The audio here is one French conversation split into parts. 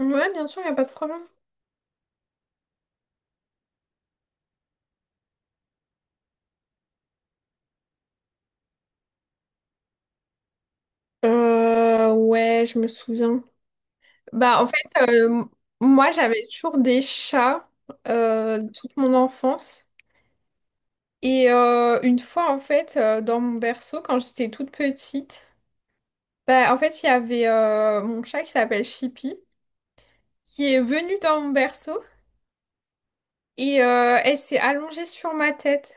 Ouais, bien sûr, il n'y a pas de problème. Ouais, je me souviens. Bah, en fait, euh, Moi, j'avais toujours des chats toute mon enfance. Et une fois, dans mon berceau, quand j'étais toute petite, il y avait mon chat qui s'appelle Chippy, qui est venu dans mon berceau et elle s'est allongée sur ma tête.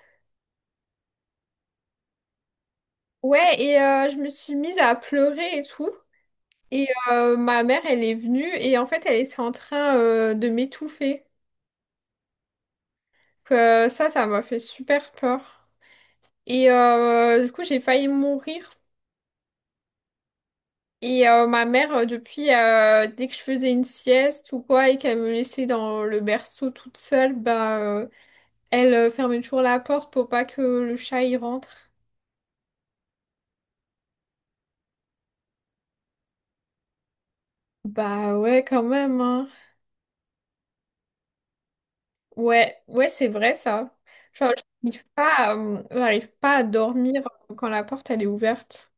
Ouais, et je me suis mise à pleurer et tout. Et ma mère, elle est venue et en fait, elle était en train de m'étouffer. Donc, ça m'a fait super peur. Et du coup, j'ai failli mourir. Et ma mère, depuis, dès que je faisais une sieste ou quoi, et qu'elle me laissait dans le berceau toute seule, elle fermait toujours la porte pour pas que le chat y rentre. Bah ouais, quand même, hein. Ouais, ouais, c'est vrai, ça. Genre, j'arrive pas à dormir quand la porte, elle est ouverte.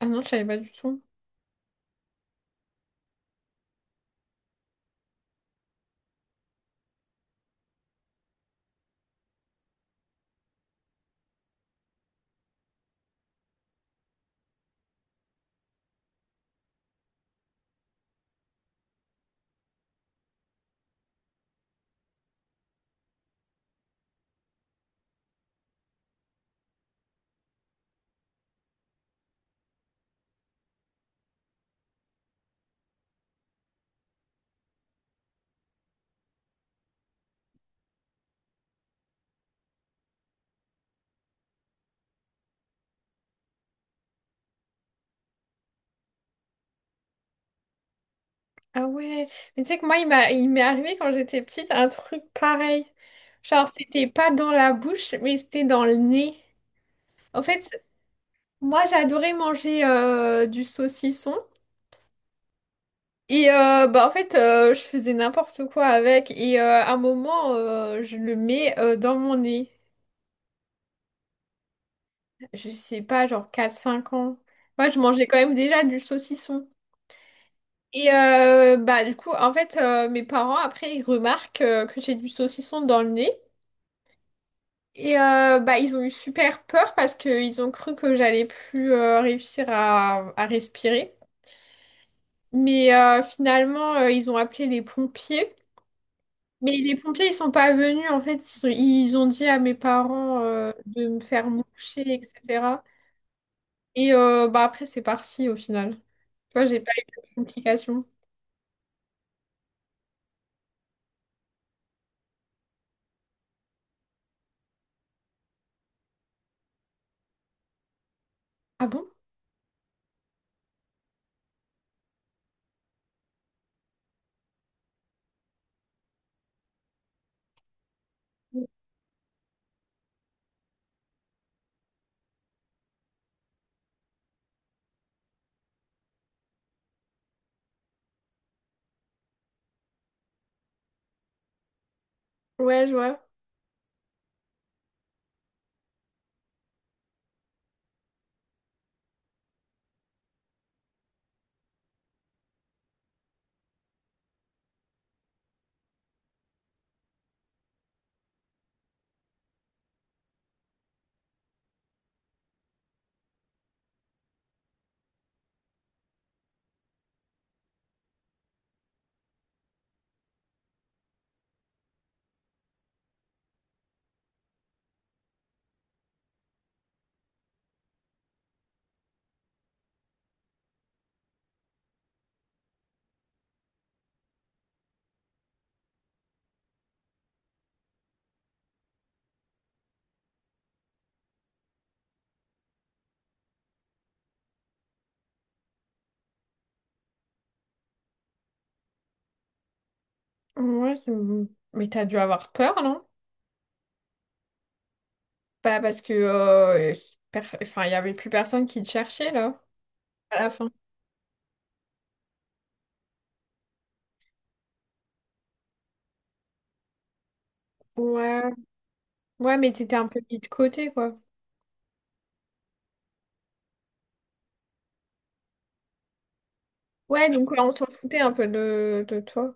Ah non, je savais pas du tout. Ah ouais, mais tu sais que moi, il m'est arrivé quand j'étais petite un truc pareil. Genre, c'était pas dans la bouche, mais c'était dans le nez. En fait, moi, j'adorais manger du saucisson. Et je faisais n'importe quoi avec. Et à un moment, je le mets dans mon nez. Je sais pas, genre quatre cinq ans. Moi, je mangeais quand même déjà du saucisson. Et du coup, mes parents, après, ils remarquent que j'ai du saucisson dans le nez. Et ils ont eu super peur parce qu'ils ont cru que j'allais plus réussir à respirer. Mais finalement, ils ont appelé les pompiers. Mais les pompiers, ils sont pas venus. En fait, ils ont dit à mes parents de me faire moucher, etc. Et après, c'est parti au final. Tu vois, j'ai pas eu de complications. Ah bon? Ouais, je vois. Ouais, c'est- mais t'as dû avoir peur, non? Bah, parce que enfin, il y avait plus personne qui te cherchait, là, à la fin. Ouais, ouais, mais t'étais un peu mis de côté, quoi. Ouais, donc ouais, on s'en foutait un peu de toi.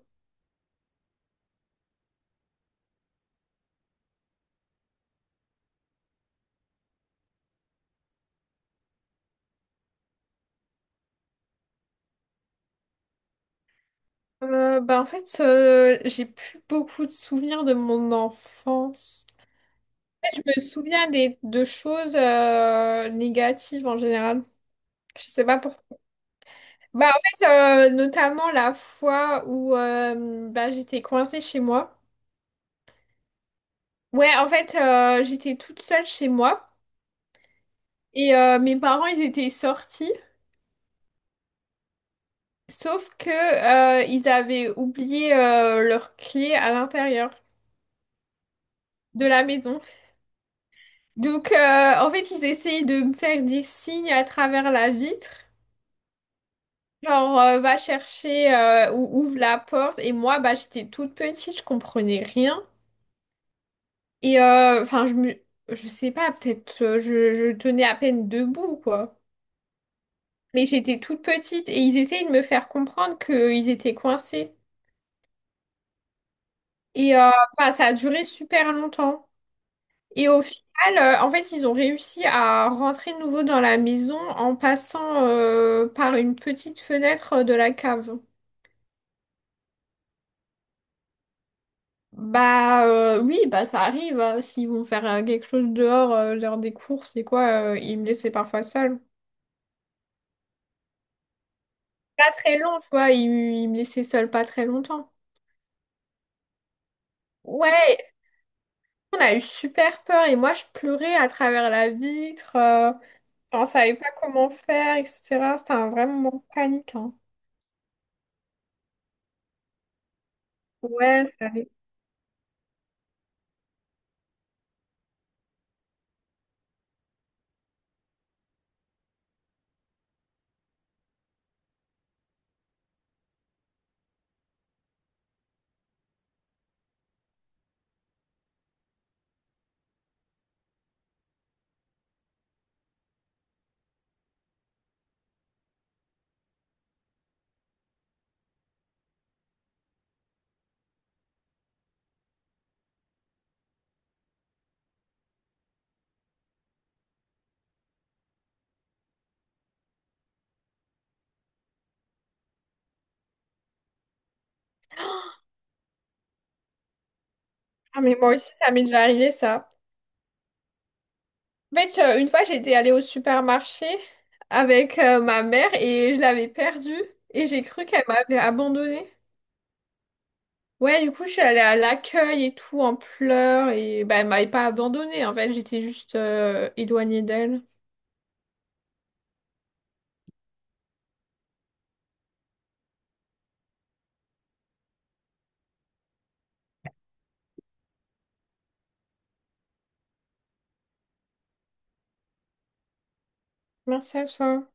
J'ai plus beaucoup de souvenirs de mon enfance. En fait, je me souviens de choses négatives en général. Je sais pas pourquoi. Notamment la fois où j'étais coincée chez moi. Ouais, j'étais toute seule chez moi et mes parents, ils étaient sortis. Sauf que ils avaient oublié leur clé à l'intérieur de la maison. Donc en fait ils essayaient de me faire des signes à travers la vitre. Genre va chercher ou ouvre la porte. Et moi bah j'étais toute petite, je comprenais rien. Et je sais pas, peut-être je tenais à peine debout quoi. Mais j'étais toute petite et ils essayaient de me faire comprendre qu'ils étaient coincés. Et enfin, ça a duré super longtemps. Et au final, ils ont réussi à rentrer de nouveau dans la maison en passant par une petite fenêtre de la cave. Oui, bah ça arrive, hein. S'ils vont faire quelque chose dehors, genre des courses et quoi, ils me laissaient parfois seule. Pas très long, tu vois, ils me laissaient seule pas très longtemps. Ouais, on a eu super peur et moi je pleurais à travers la vitre. On savait pas comment faire, etc. C'était un vrai moment de panique, hein. Ouais, ça Ah, mais moi aussi, ça m'est déjà arrivé, ça. En fait, une fois, j'étais allée au supermarché avec ma mère et je l'avais perdue et j'ai cru qu'elle m'avait abandonnée. Ouais, du coup, je suis allée à l'accueil et tout en pleurs et bah, elle m'avait pas abandonnée. En fait, j'étais juste éloignée d'elle. Merci à toi.